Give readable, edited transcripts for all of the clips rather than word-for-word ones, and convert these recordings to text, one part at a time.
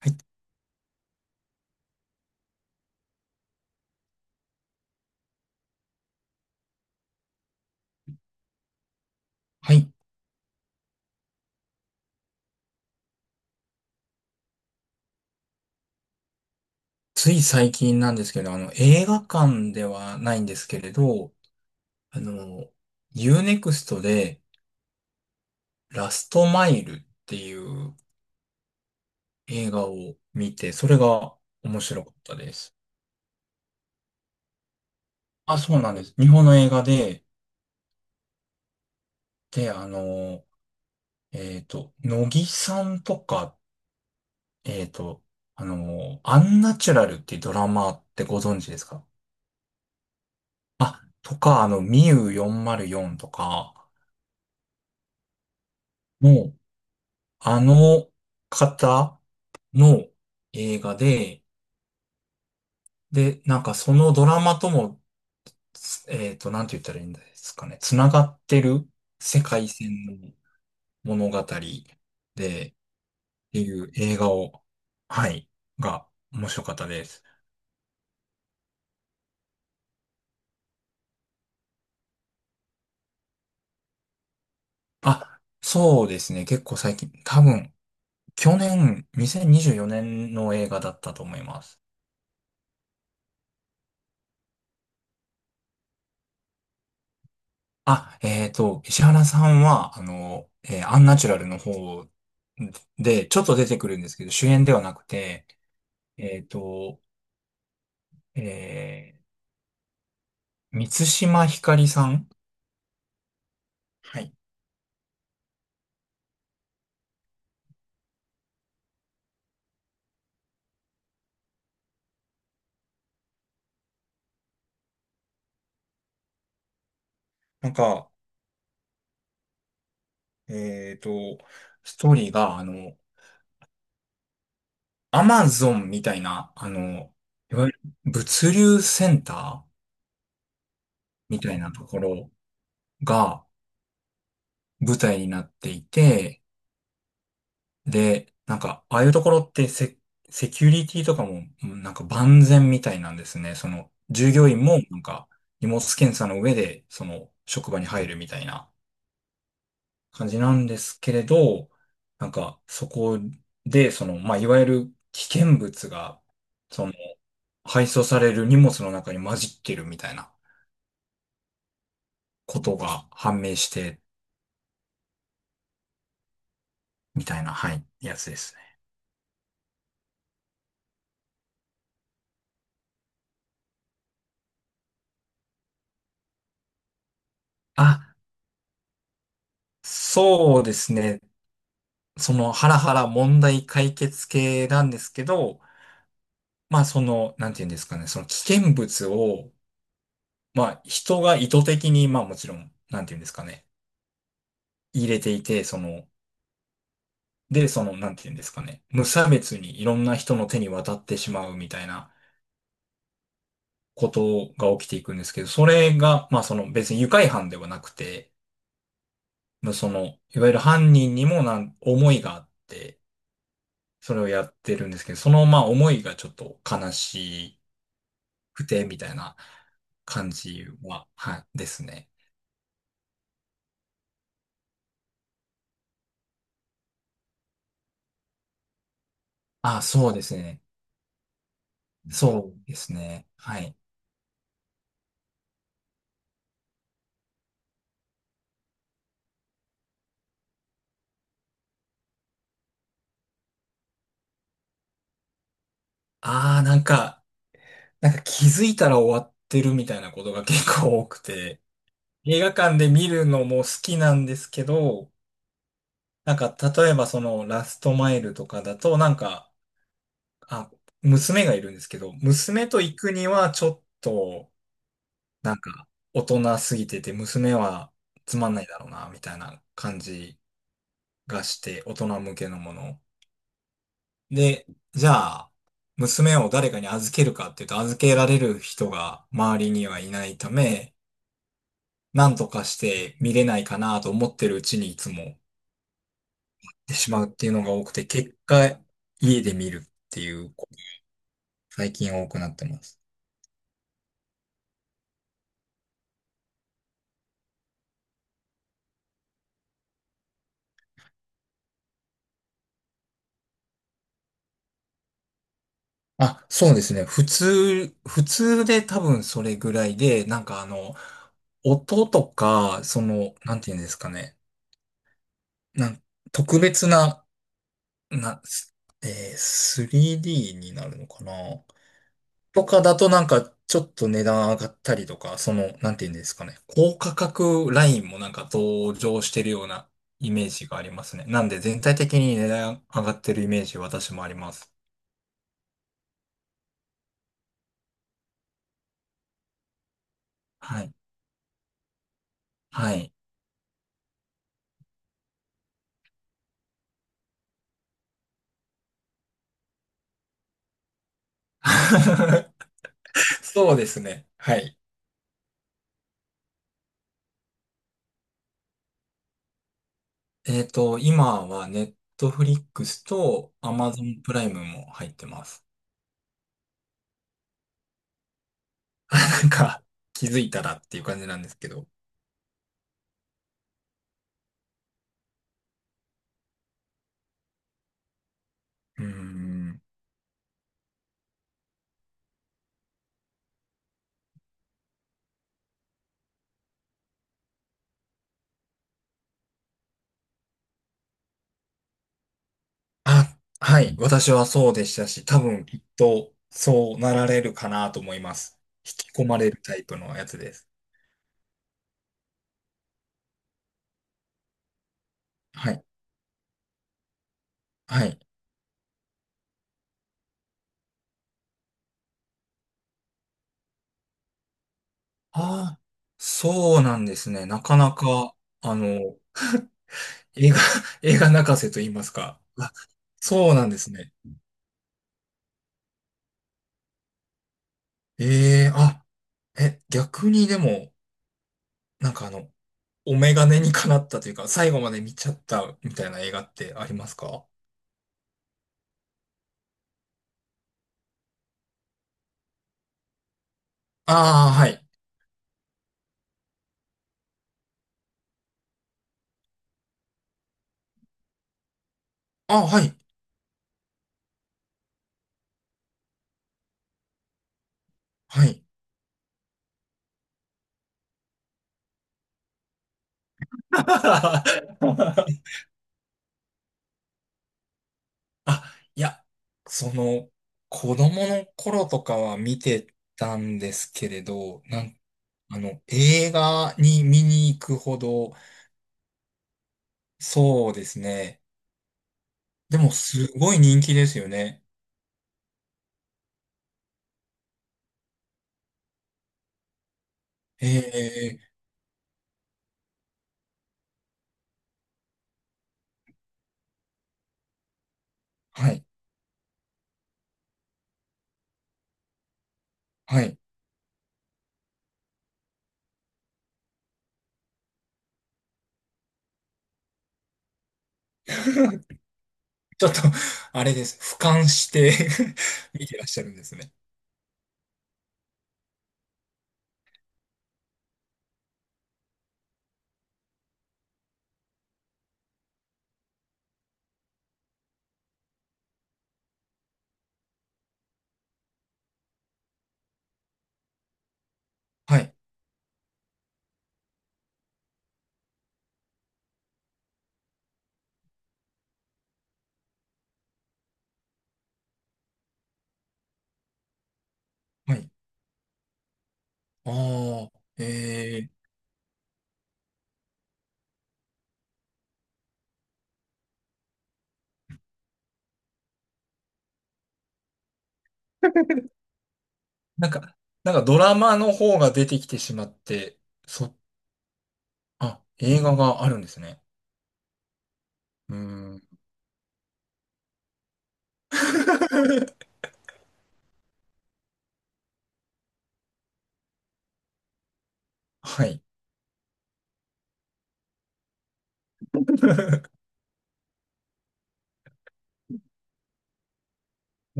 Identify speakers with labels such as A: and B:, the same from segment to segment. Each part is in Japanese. A: はい。はい。つい最近なんですけど、映画館ではないんですけれど、あの、U-NEXT でラストマイルっていう映画を見て、それが面白かったです。あ、そうなんです。日本の映画で、で、乃木さんとか、えっと、アンナチュラルっていうドラマってご存知ですか？あ、とか、ミウ404とか、もう、あの方の映画で、で、なんかそのドラマとも、つえっと、なんて言ったらいいんですかね、つながってる世界線の物語で、っていう映画を、はい、が面白かったです。あ、そうですね、結構最近、多分、去年、2024年の映画だったと思います。あ、石原さんは、アンナチュラルの方で、ちょっと出てくるんですけど、主演ではなくて、えっと、え満島ひかりさん。はい。なんか、えっと、ストーリーが、アマゾンみたいな、いわゆる物流センターみたいなところが舞台になっていて、で、なんか、ああいうところってセキュリティとかも、なんか万全みたいなんですね。その、従業員も、なんか、荷物検査の上で、その、職場に入るみたいな感じなんですけれど、なんか、そこで、その、まあ、いわゆる危険物が、その、配送される荷物の中に混じってるみたいなことが判明して、みたいな、はい、やつですね。あ、そうですね。そのハラハラ問題解決系なんですけど、まあその、なんていうんですかね、その危険物を、まあ人が意図的に、まあもちろん、なんていうんですかね、入れていて、その、で、その、なんていうんですかね、無差別にいろんな人の手に渡ってしまうみたいなことが起きていくんですけど、それが、まあその別に愉快犯ではなくて、まあその、いわゆる犯人にも思いがあって、それをやってるんですけど、そのまあ思いがちょっと悲しい、くて、みたいな感じは、はい、ですね。あ、そうですね。そうですね。はい。ああ、なんか気づいたら終わってるみたいなことが結構多くて、映画館で見るのも好きなんですけど、なんか例えばそのラストマイルとかだと、なんか、あ、娘がいるんですけど、娘と行くにはちょっと、なんか大人すぎてて、娘はつまんないだろうな、みたいな感じがして大人向けのもの。で、じゃあ、娘を誰かに預けるかっていうと預けられる人が周りにはいないため、なんとかして見れないかなと思ってるうちにいつもってしまうっていうのが多くて、結果家で見るっていうこと、最近多くなってます。あ、そうですね。普通で多分それぐらいで、なんか音とか、その、なんていうんですかね。なん特別なな、すえー 3D になるのかなとかだとなんかちょっと値段上がったりとか、その、なんていうんですかね。高価格ラインもなんか登場してるようなイメージがありますね。なんで全体的に値段上がってるイメージ私もあります。はい。はい。そうですね。はい。今はネットフリックスとアマゾンプライムも入ってます。なんか気づいたらっていう感じなんですけど。うーん。あ、はい。私はそうでしたし、多分きっとそうなられるかなと思います。引き込まれるタイプのやつです。はい。はい。ああ、そうなんですね。なかなか、あの、映画、映画泣かせと言いますか。あ、そうなんですね。ええあ、逆にでも、なんかお眼鏡にかなったというか、最後まで見ちゃったみたいな映画ってありますか？ああー、はい。あ、はい。はい。あ、いや、その、子供の頃とかは見てたんですけれど、なん、あの、映画に見に行くほど、そうですね。でも、すごい人気ですよね。ええ、はい、はい。ちょっと、あれです。俯瞰して 見てらっしゃるんですね。はい、はい。ああ、ええ、なんか、なんかドラマの方が出てきてしまって、そ、あ、映画があるんですね。うーん。 はい。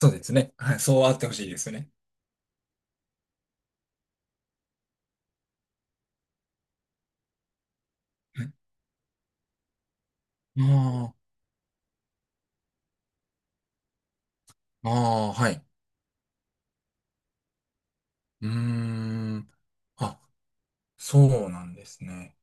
A: そうですね。はい。そうあってほしいですね。はい。ああ、ああ、はい。うーん。あ、そうなんですね。